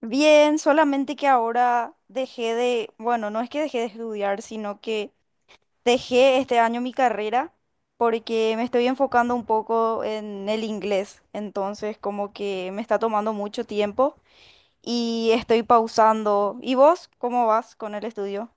Bien, solamente que ahora bueno, no es que dejé de estudiar, sino que dejé este año mi carrera porque me estoy enfocando un poco en el inglés, entonces como que me está tomando mucho tiempo y estoy pausando. ¿Y vos cómo vas con el estudio?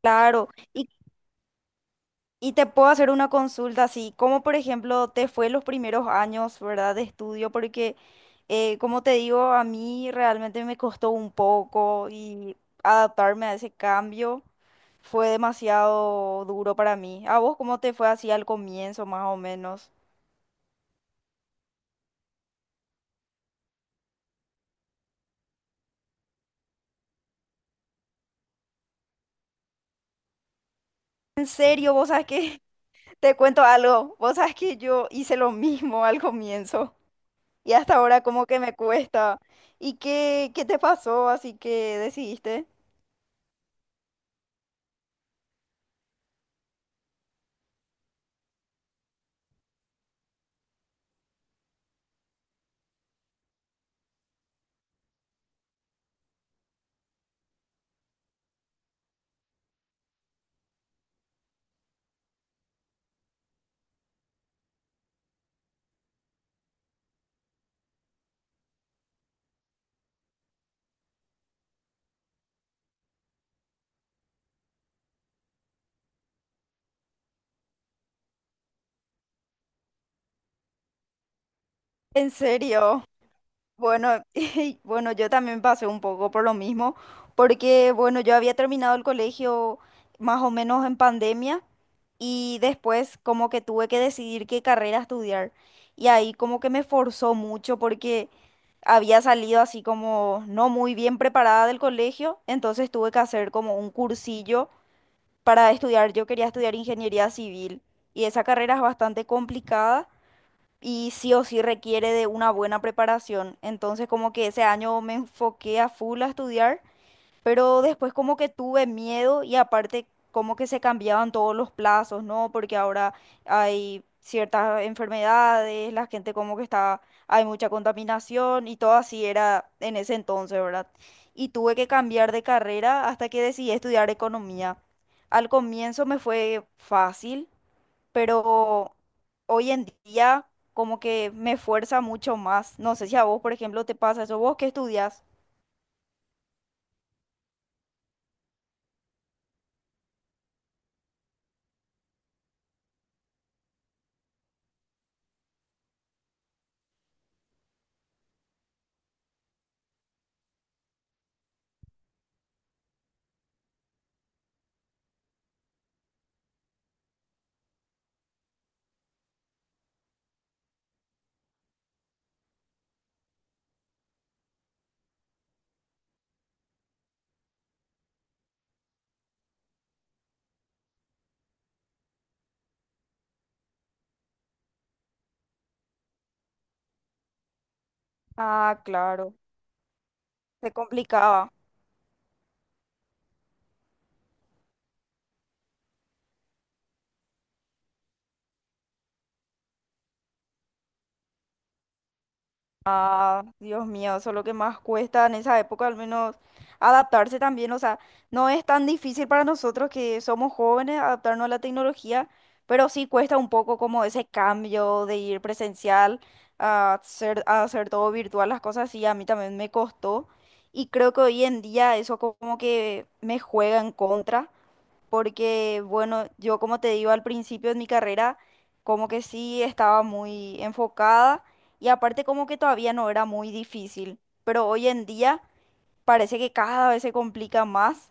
Claro, y Y te puedo hacer una consulta así, como por ejemplo te fue los primeros años, ¿verdad? De estudio, porque como te digo, a mí realmente me costó un poco y adaptarme a ese cambio fue demasiado duro para mí. ¿A vos cómo te fue así al comienzo, más o menos? En serio, vos sabés que te cuento algo, vos sabés que yo hice lo mismo al comienzo y hasta ahora como que me cuesta. ¿Y qué te pasó? Así que decidiste. En serio. Bueno, y bueno, yo también pasé un poco por lo mismo, porque bueno, yo había terminado el colegio más o menos en pandemia y después como que tuve que decidir qué carrera estudiar, y ahí como que me forzó mucho porque había salido así como no muy bien preparada del colegio, entonces tuve que hacer como un cursillo para estudiar. Yo quería estudiar ingeniería civil y esa carrera es bastante complicada y sí o sí requiere de una buena preparación. Entonces como que ese año me enfoqué a full a estudiar, pero después como que tuve miedo, y aparte como que se cambiaban todos los plazos, ¿no? Porque ahora hay ciertas enfermedades, la gente como que está, hay mucha contaminación y todo así era en ese entonces, ¿verdad? Y tuve que cambiar de carrera hasta que decidí estudiar economía. Al comienzo me fue fácil, pero hoy en día como que me fuerza mucho más. No sé si a vos, por ejemplo, te pasa eso. ¿Vos qué estudias? Ah, claro, se complicaba. Ah, Dios mío, eso es lo que más cuesta en esa época, al menos adaptarse también. O sea, no es tan difícil para nosotros que somos jóvenes adaptarnos a la tecnología, pero sí cuesta un poco como ese cambio de ir presencial a hacer todo virtual, las cosas así. A mí también me costó. Y creo que hoy en día eso como que me juega en contra, porque bueno, yo como te digo, al principio de mi carrera como que sí estaba muy enfocada, y aparte como que todavía no era muy difícil, pero hoy en día parece que cada vez se complica más,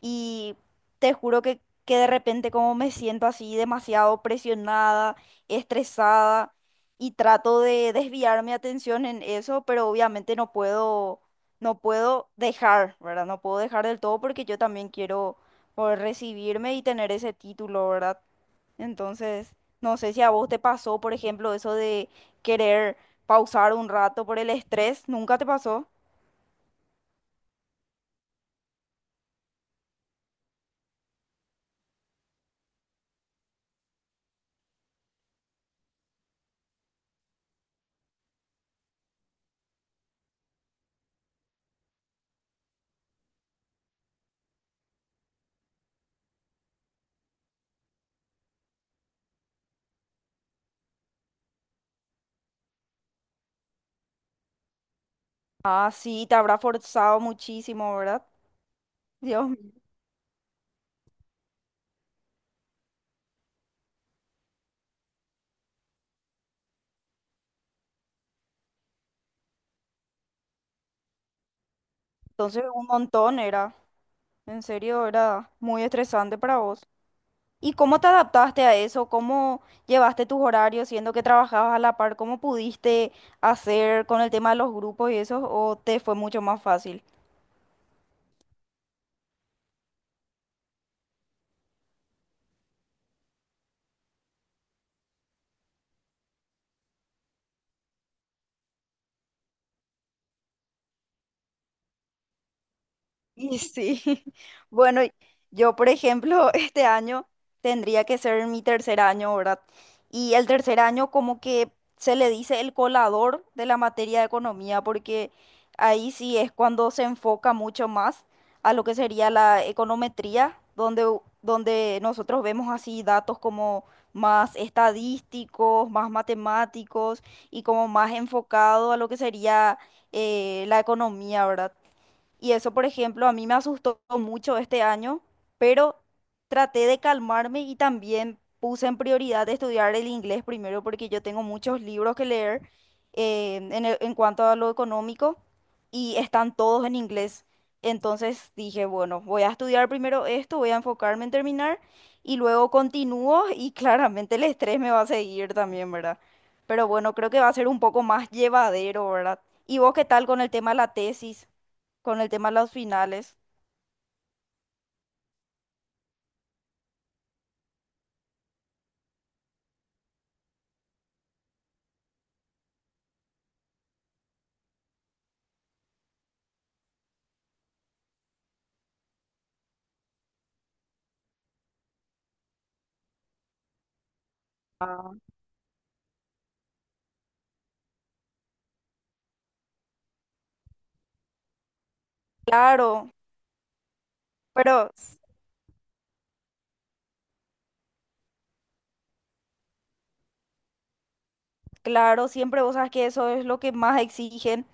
y te juro que de repente como me siento así demasiado presionada, estresada, y trato de desviar mi atención en eso, pero obviamente no puedo, no puedo dejar, ¿verdad? No puedo dejar del todo, porque yo también quiero poder recibirme y tener ese título, ¿verdad? Entonces, no sé si a vos te pasó, por ejemplo, eso de querer pausar un rato por el estrés, ¿nunca te pasó? Ah, sí, te habrá forzado muchísimo, ¿verdad? Dios. Entonces, un montón era, en serio, era muy estresante para vos. ¿Y cómo te adaptaste a eso? ¿Cómo llevaste tus horarios, siendo que trabajabas a la par? ¿Cómo pudiste hacer con el tema de los grupos y eso? ¿O te fue mucho más fácil? Y sí, bueno, yo por ejemplo, este año tendría que ser mi tercer año, ¿verdad? Y el tercer año como que se le dice el colador de la materia de economía, porque ahí sí es cuando se enfoca mucho más a lo que sería la econometría, donde, donde nosotros vemos así datos como más estadísticos, más matemáticos y como más enfocado a lo que sería la economía, ¿verdad? Y eso, por ejemplo, a mí me asustó mucho este año, pero traté de calmarme y también puse en prioridad estudiar el inglés primero, porque yo tengo muchos libros que leer en cuanto a lo económico, y están todos en inglés. Entonces dije, bueno, voy a estudiar primero esto, voy a enfocarme en terminar y luego continúo, y claramente el estrés me va a seguir también, ¿verdad? Pero bueno, creo que va a ser un poco más llevadero, ¿verdad? ¿Y vos qué tal con el tema de la tesis? Con el tema de las finales. Ah. Claro, pero s- claro, siempre vos sabes que eso es lo que más exigen,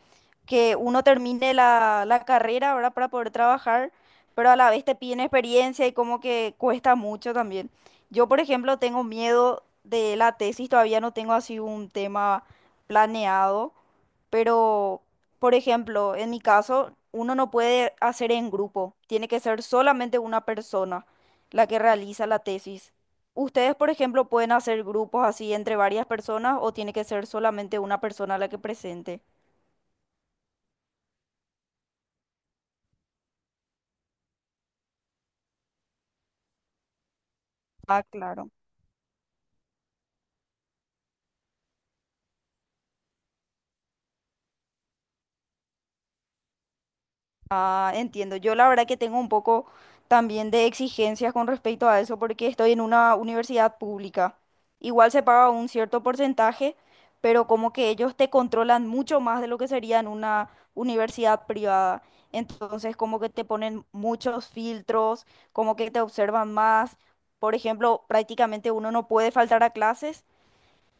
que uno termine la carrera ahora, para poder trabajar, pero a la vez te piden experiencia y como que cuesta mucho también. Yo, por ejemplo, tengo miedo de la tesis, todavía no tengo así un tema planeado, pero, por ejemplo, en mi caso, uno no puede hacer en grupo, tiene que ser solamente una persona la que realiza la tesis. Ustedes, por ejemplo, ¿pueden hacer grupos así entre varias personas o tiene que ser solamente una persona la que presente? Ah, claro. Ah, entiendo. Yo la verdad que tengo un poco también de exigencias con respecto a eso, porque estoy en una universidad pública. Igual se paga un cierto porcentaje, pero como que ellos te controlan mucho más de lo que sería en una universidad privada. Entonces, como que te ponen muchos filtros, como que te observan más. Por ejemplo, prácticamente uno no puede faltar a clases,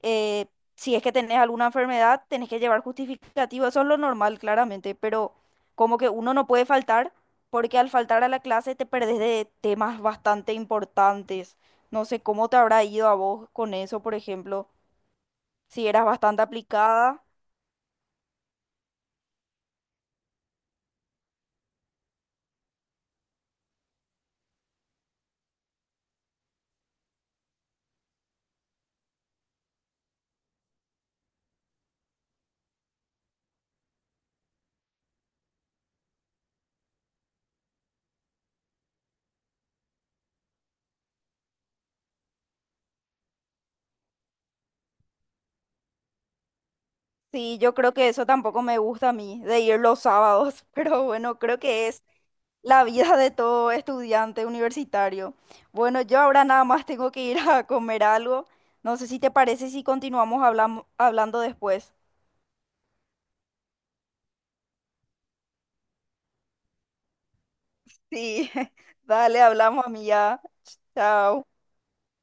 eh, si es que tenés alguna enfermedad, tenés que llevar justificativo, eso es lo normal, claramente, pero como que uno no puede faltar, porque al faltar a la clase te perdés de temas bastante importantes. No sé cómo te habrá ido a vos con eso, por ejemplo, si eras bastante aplicada. Sí, yo creo que eso tampoco me gusta a mí, de ir los sábados, pero bueno, creo que es la vida de todo estudiante universitario. Bueno, yo ahora nada más tengo que ir a comer algo. No sé si te parece si continuamos hablando después. Sí, dale, hablamos, amiga. Chao.